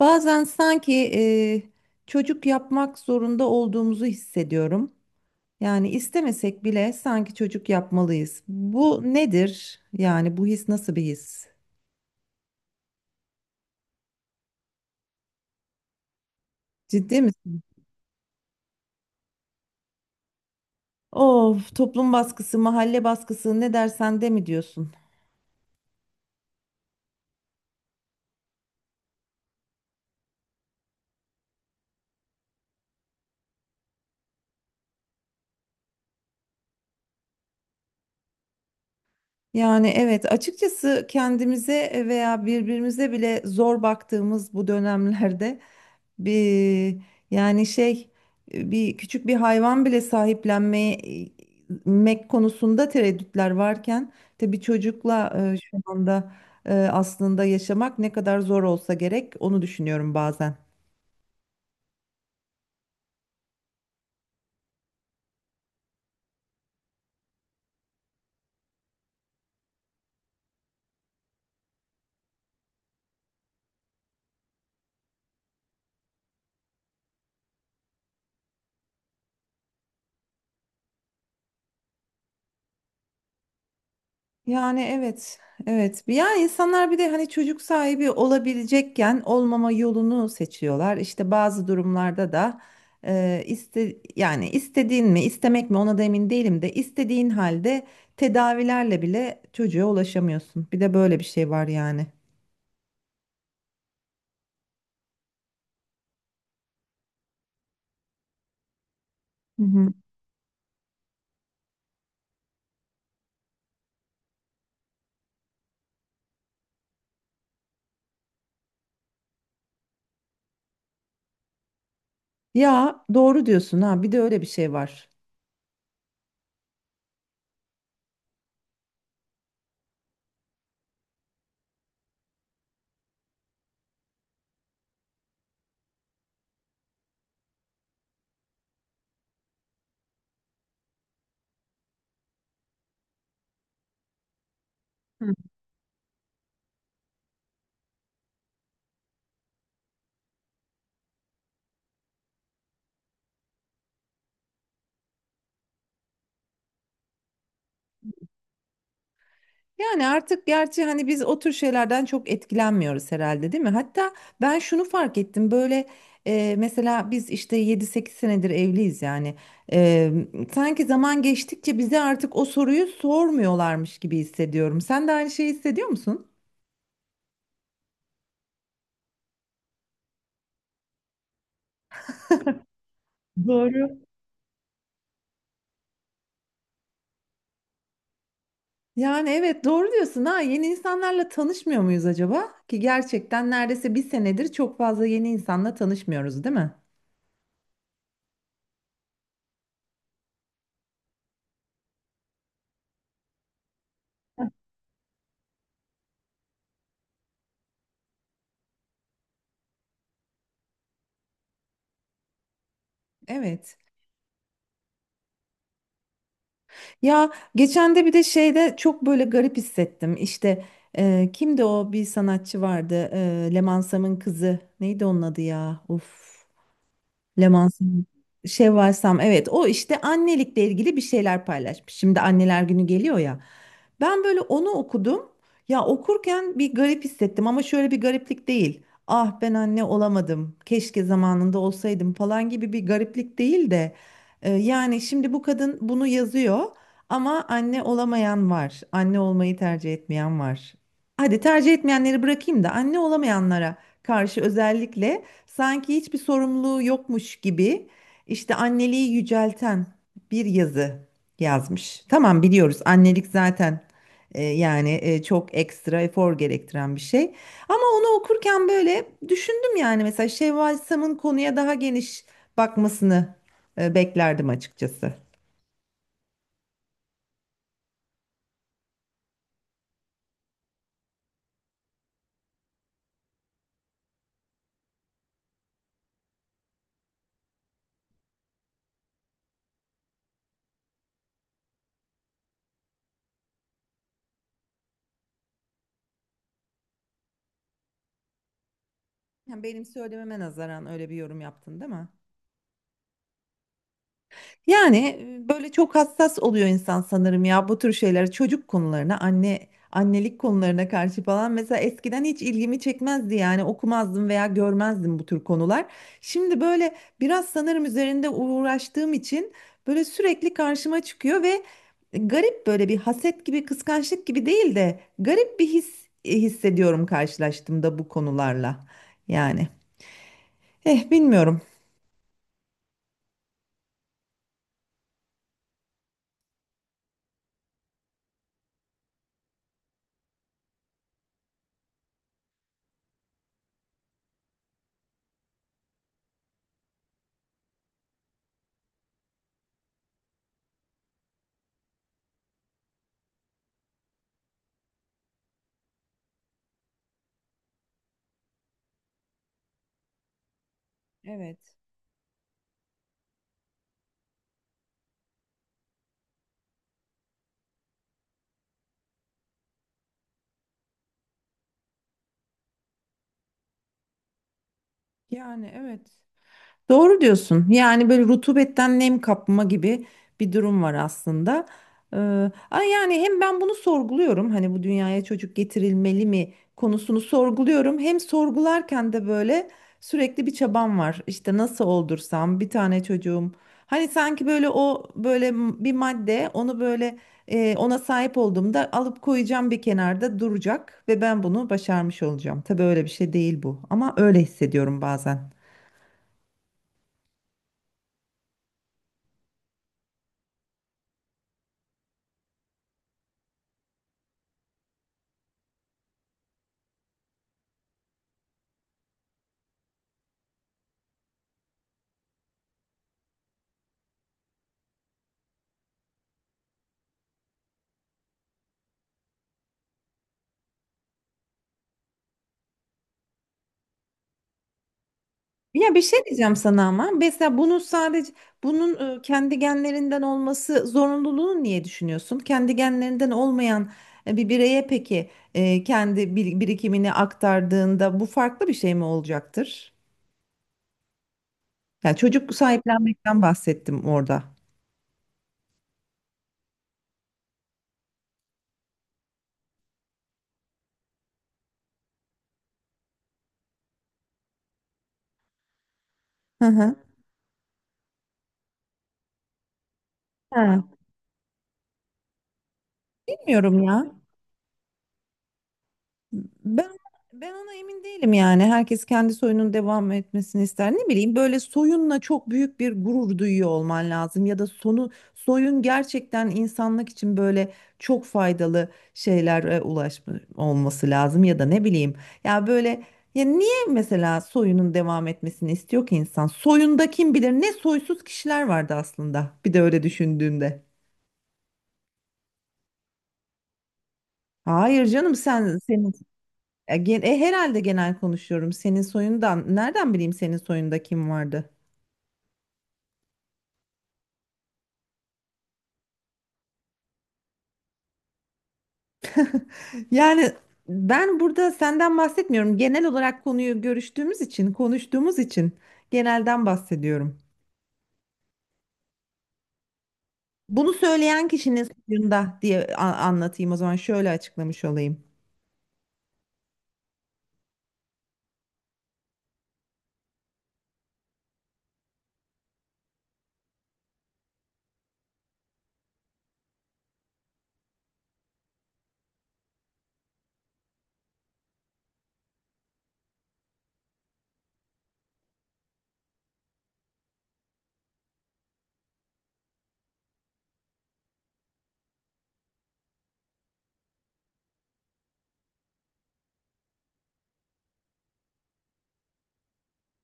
Bazen sanki çocuk yapmak zorunda olduğumuzu hissediyorum. Yani istemesek bile sanki çocuk yapmalıyız. Bu nedir? Yani bu his nasıl bir his? Ciddi misin? Of, toplum baskısı, mahalle baskısı ne dersen de mi diyorsun? Yani evet, açıkçası kendimize veya birbirimize bile zor baktığımız bu dönemlerde Bir, yani şey, bir küçük bir hayvan bile sahiplenmek konusunda tereddütler varken tabii çocukla şu anda aslında yaşamak ne kadar zor olsa gerek onu düşünüyorum bazen. Yani evet, evet. Yani insanlar bir de hani çocuk sahibi olabilecekken olmama yolunu seçiyorlar. İşte bazı durumlarda da yani istediğin mi, istemek mi ona da emin değilim de istediğin halde tedavilerle bile çocuğa ulaşamıyorsun. Bir de böyle bir şey var yani. Hı hı. Ya doğru diyorsun ha. Bir de öyle bir şey var. Yani artık gerçi hani biz o tür şeylerden çok etkilenmiyoruz herhalde değil mi? Hatta ben şunu fark ettim böyle, mesela biz işte 7-8 senedir evliyiz yani. E, sanki zaman geçtikçe bize artık o soruyu sormuyorlarmış gibi hissediyorum. Sen de aynı şeyi hissediyor musun? Doğru. Yani evet doğru diyorsun ha, yeni insanlarla tanışmıyor muyuz acaba? Ki gerçekten neredeyse bir senedir çok fazla yeni insanla tanışmıyoruz değil mi? Evet. Ya geçen de bir de şeyde çok böyle garip hissettim. İşte kimdi o, bir sanatçı vardı? Leman Sam'ın kızı. Neydi onun adı ya? Of. Lemansin, Şevval Sam, evet o işte annelikle ilgili bir şeyler paylaşmış. Şimdi anneler günü geliyor ya. Ben böyle onu okudum. Ya okurken bir garip hissettim, ama şöyle bir gariplik değil. Ah, ben anne olamadım, keşke zamanında olsaydım falan gibi bir gariplik değil de, yani şimdi bu kadın bunu yazıyor ama anne olamayan var. Anne olmayı tercih etmeyen var. Hadi tercih etmeyenleri bırakayım da anne olamayanlara karşı özellikle sanki hiçbir sorumluluğu yokmuş gibi, işte anneliği yücelten bir yazı yazmış. Tamam, biliyoruz annelik zaten çok ekstra efor gerektiren bir şey. Ama onu okurken böyle düşündüm, yani mesela Şevval Sam'ın konuya daha geniş bakmasını beklerdim açıkçası. Yani benim söylememe nazaran öyle bir yorum yaptın değil mi? Yani böyle çok hassas oluyor insan sanırım ya, bu tür şeylere, çocuk konularına, anne annelik konularına karşı falan. Mesela eskiden hiç ilgimi çekmezdi, yani okumazdım veya görmezdim bu tür konular. Şimdi böyle biraz sanırım üzerinde uğraştığım için böyle sürekli karşıma çıkıyor ve garip, böyle bir haset gibi, kıskançlık gibi değil de garip bir his hissediyorum karşılaştığımda bu konularla, yani. Eh, bilmiyorum. Evet. Yani evet. Doğru diyorsun. Yani böyle rutubetten nem kapma gibi bir durum var aslında. Ee, ama yani hem ben bunu sorguluyorum. Hani bu dünyaya çocuk getirilmeli mi konusunu sorguluyorum. Hem sorgularken de böyle sürekli bir çabam var. İşte nasıl oldursam bir tane çocuğum. Hani sanki böyle, o böyle bir madde, onu böyle ona sahip olduğumda alıp koyacağım, bir kenarda duracak ve ben bunu başarmış olacağım. Tabii öyle bir şey değil bu, ama öyle hissediyorum bazen. Ya bir şey diyeceğim sana ama, mesela bunu sadece bunun kendi genlerinden olması zorunluluğunu niye düşünüyorsun? Kendi genlerinden olmayan bir bireye peki kendi birikimini aktardığında bu farklı bir şey mi olacaktır? Yani çocuk sahiplenmekten bahsettim orada. Hı hı. Ha, bilmiyorum ya. Ben ben ona emin değilim yani. Herkes kendi soyunun devam etmesini ister. Ne bileyim, böyle soyunla çok büyük bir gurur duyuyor olman lazım, ya da sonu soyun gerçekten insanlık için böyle çok faydalı şeylere ulaşma olması lazım, ya da ne bileyim. Ya böyle, ya niye mesela soyunun devam etmesini istiyor ki insan? Soyunda kim bilir ne soysuz kişiler vardı aslında. Bir de öyle düşündüğünde. Hayır canım, sen senin… herhalde genel konuşuyorum. Senin soyundan nereden bileyim, senin soyunda kim vardı? Yani ben burada senden bahsetmiyorum. Genel olarak konuyu görüştüğümüz için, konuştuğumuz için genelden bahsediyorum. Bunu söyleyen kişinin soyunda diye anlatayım, o zaman şöyle açıklamış olayım.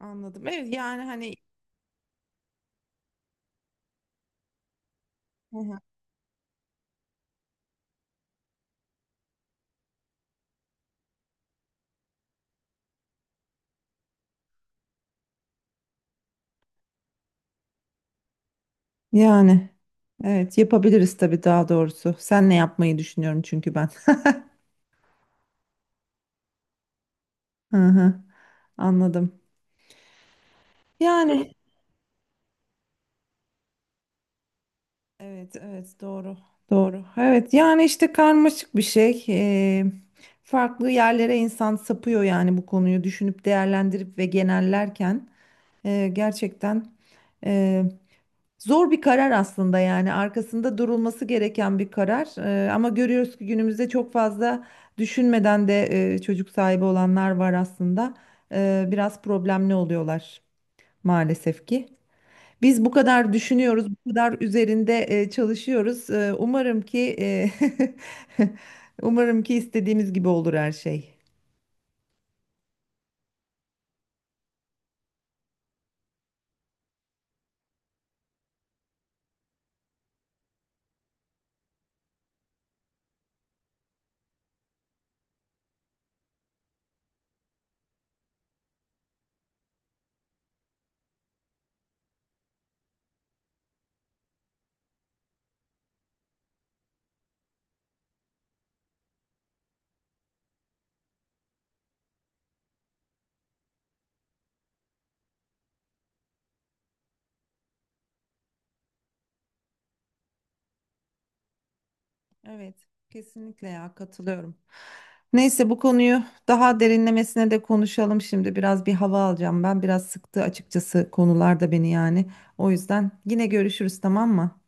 Anladım. Evet yani hani. Hı hı. Yani evet, yapabiliriz tabii, daha doğrusu. Senle yapmayı düşünüyorum çünkü ben. Hı hı, anladım. Yani evet, evet doğru. Doğru. Evet yani işte karmaşık bir şey. Farklı yerlere insan sapıyor yani, bu konuyu düşünüp değerlendirip ve genellerken gerçekten e, zor bir karar aslında, yani arkasında durulması gereken bir karar. Ama görüyoruz ki günümüzde çok fazla düşünmeden de çocuk sahibi olanlar var aslında. Biraz problemli oluyorlar maalesef ki. Biz bu kadar düşünüyoruz, bu kadar üzerinde çalışıyoruz. Umarım ki umarım ki istediğimiz gibi olur her şey. Evet, kesinlikle ya, katılıyorum. Neyse, bu konuyu daha derinlemesine de konuşalım şimdi. Biraz bir hava alacağım. Ben biraz sıktı açıkçası konular da beni, yani. O yüzden yine görüşürüz, tamam mı?